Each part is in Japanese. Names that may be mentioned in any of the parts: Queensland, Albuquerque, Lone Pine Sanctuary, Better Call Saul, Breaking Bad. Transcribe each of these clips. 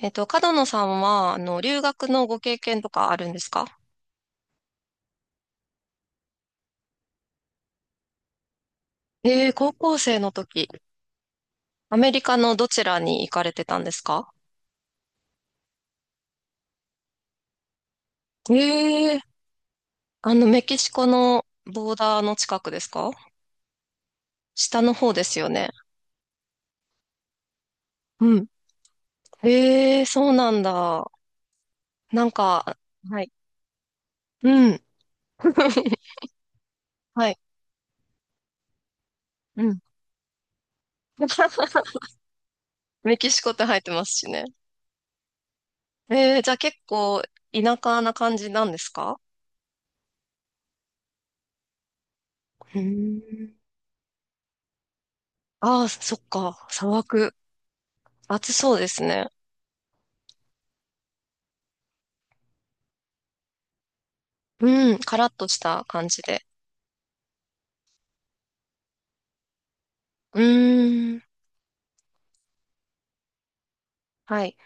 角野さんは、留学のご経験とかあるんですか？ええ、高校生の時、アメリカのどちらに行かれてたんですか？ええ、メキシコのボーダーの近くですか？下の方ですよね。うん。ええ、そうなんだ。なんか、はい。うん。はい。うん。メキシコって入ってますしね。ええ、じゃあ結構田舎な感じなんですか？うん。ああ、そっか。砂漠。暑そうですね。うん、カラッとした感じで。うーん、はい。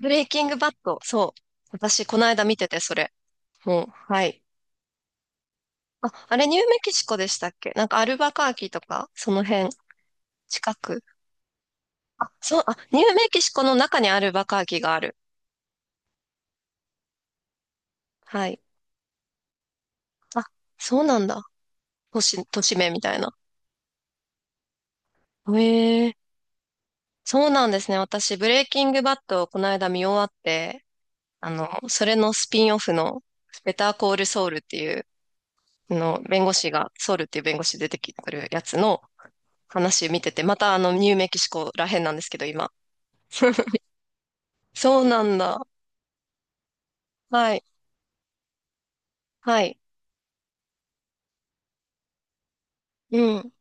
ブレイキングバッド、そう。私、この間見てて、それ。もう、はい。あ、あれ、ニューメキシコでしたっけ？なんか、アルバカーキとか、その辺、近く。あ、そう、あ、ニューメキシコの中にアルバカーキがある。はい。あ、そうなんだ。都市名みたいな。へえ、そうなんですね。私、ブレイキングバッドをこの間見終わって、それのスピンオフの、ベターコールソウルっていうの、弁護士が、ソウルっていう弁護士出てくるやつの話見てて、またニューメキシコらへんなんですけど、今。そうなんだ。はい。はい。うん。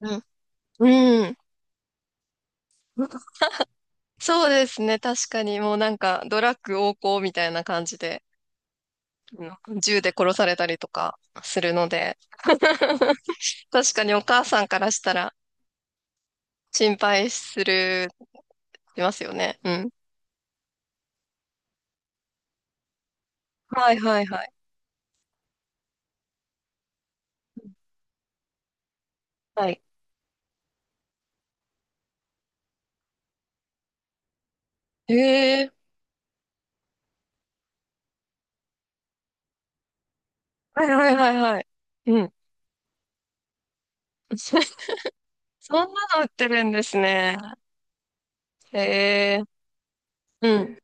うん。うん。そうですね。確かに、もうなんか、ドラッグ横行みたいな感じで、う銃で殺されたりとかするので、確かにお母さんからしたら心配する、しますよね。うん。はいはいはい。はい。へえ。はいはいはいはい。うん。そんなの売ってるんですね。へえ。うん。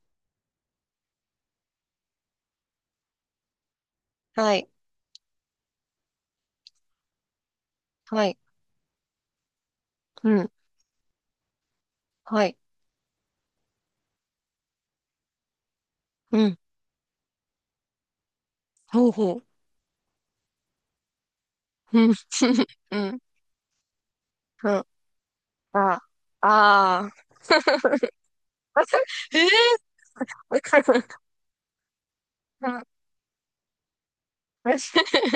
はい。はい。うん。はい。うん。ほうほう。うん。うん。うん。ああ。ああ。ええ、わかる。うん。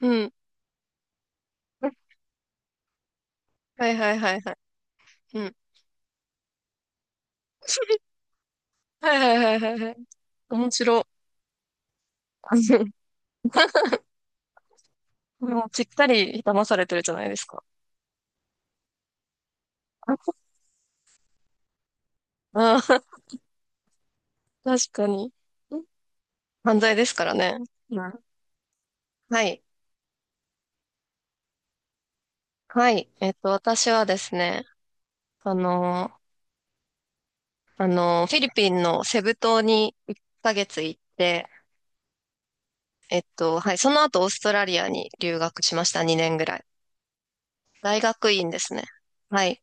うん。はいはいはいはい。うん。はいはいはいはいはい。面白。もうぴったり騙されてるじゃないですか。ああ、確かに。ん犯罪ですからね。うん。はい。はい。私はですね、その、フィリピンのセブ島に1ヶ月行って、はい、その後オーストラリアに留学しました、2年ぐらい。大学院ですね。はい、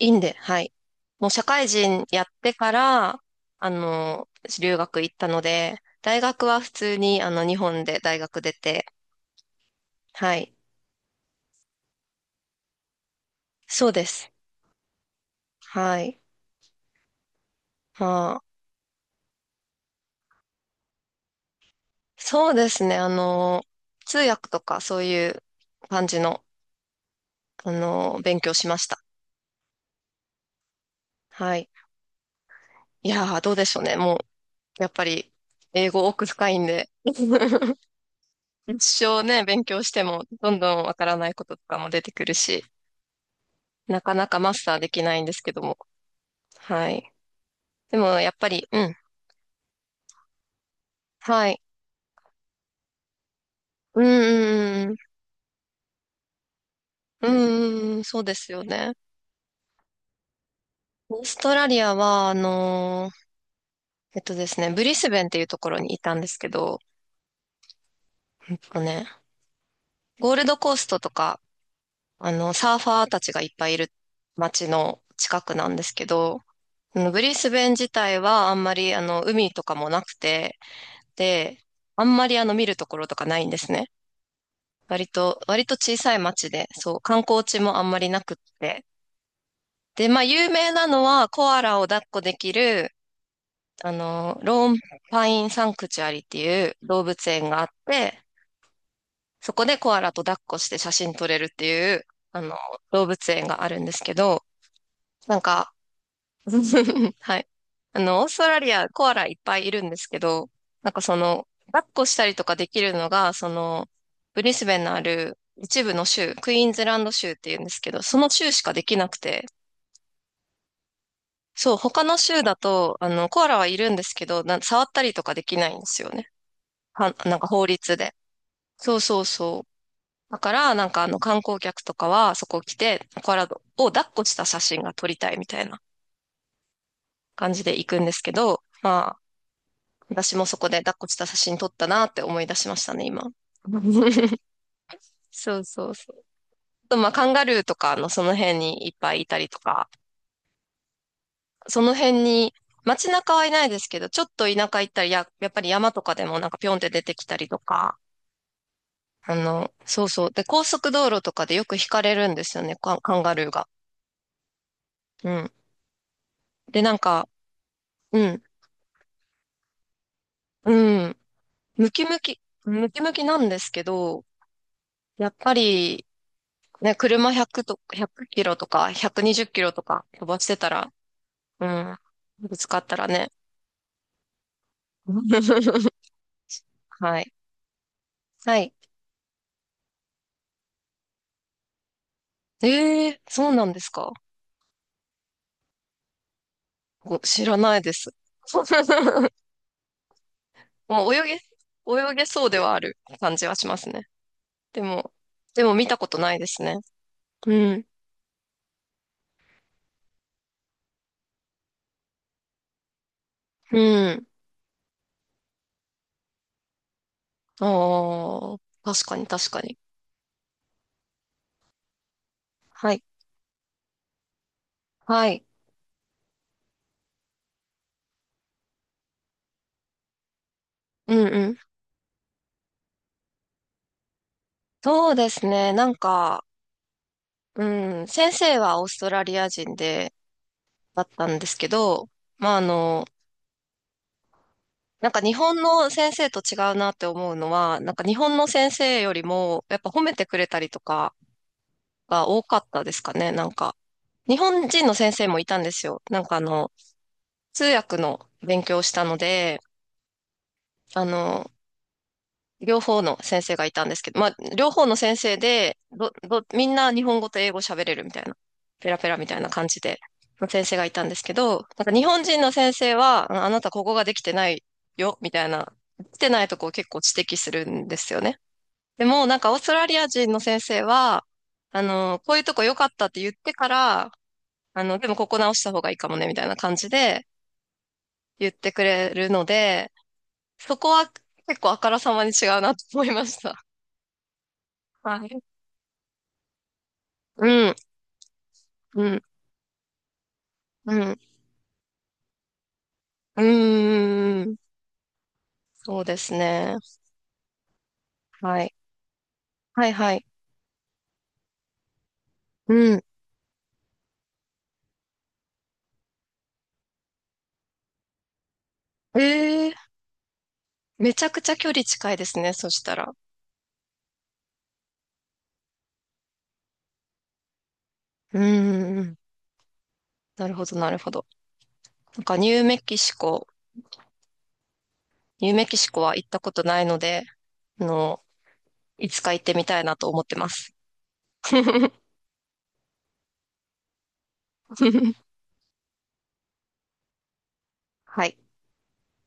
院で、はい。もう社会人やってから、あの、留学行ったので、大学は普通に、日本で大学出て、はい、そうです。はい。まあ、そうですね、通訳とかそういう感じの、勉強しました。はい。いやー、どうでしょうね。もう、やっぱり、英語奥深いんで。一生ね、勉強しても、どんどんわからないこととかも出てくるし、なかなかマスターできないんですけども。はい。でも、やっぱり、うん。はい。うん、うん、うん、うん、そうですよね。オーストラリアは、あのーえっとですね、ブリスベンっていうところにいたんですけど、えっとね、ゴールドコーストとか、サーファーたちがいっぱいいる街の近くなんですけど、ブリスベン自体はあんまり海とかもなくて、で、あんまり見るところとかないんですね。割と小さい町で、そう、観光地もあんまりなくって。で、まあ有名なのはコアラを抱っこできる、ローンパインサンクチュアリっていう動物園があって、そこでコアラと抱っこして写真撮れるっていう、あの、動物園があるんですけど、なんか、はい。オーストラリア、コアラいっぱいいるんですけど、なんか抱っこしたりとかできるのが、ブリスベンのある一部の州、クイーンズランド州っていうんですけど、その州しかできなくて、そう、他の州だと、コアラはいるんですけど、触ったりとかできないんですよね。は、なんか法律で。そうそうそう。だから、なんか観光客とかは、そこ来て、コアラを抱っこした写真が撮りたいみたいな感じで行くんですけど、まあ、私もそこで抱っこした写真撮ったなって思い出しましたね、今。そうそうそう。あとまあ、カンガルーとかのその辺にいっぱいいたりとか、その辺に、街中はいないですけど、ちょっと田舎行ったりやっぱり山とかでもなんかピョンって出てきたりとか、そうそう。で、高速道路とかでよく引かれるんですよね、カンガルーが。うん。で、なんか、うん、うん、ムキムキなんですけど、やっぱり、ね、車100と、1キロとか、120キロとか飛ばしてたら、うん、ぶつかったらね。はい。はい。ええ、そうなんですか？ご知らないです。もう泳げそうではある感じはしますね。でも、でも、見たことないですね。うん。うん。ああ、確かに確かに。はい。はい。うんうん。そうですね。なんか、うん、先生はオーストラリア人で、だったんですけど、まあ、なんか日本の先生と違うなって思うのは、なんか日本の先生よりも、やっぱ褒めてくれたりとかが多かったですかね、なんか。日本人の先生もいたんですよ。なんか通訳の勉強をしたので、あの、両方の先生がいたんですけど、まあ、両方の先生で、みんな日本語と英語喋れるみたいな、ペラペラみたいな感じで、の先生がいたんですけど、なんか日本人の先生は、ああなたここができてないよ、みたいな、できてないとこを結構指摘するんですよね。でも、なんかオーストラリア人の先生は、こういうとこ良かったって言ってから、でもここ直した方がいいかもね、みたいな感じで言ってくれるので、そこは結構あからさまに違うなと思いました。はい。うん、うん、うん、うーん、そうですね。はい。はい、はい。うん。ええ、めちゃくちゃ距離近いですね、そしたら。うーん、なるほど、なるほど。なんか、ニューメキシコは行ったことないので、あの、いつか行ってみたいなと思ってます。はい。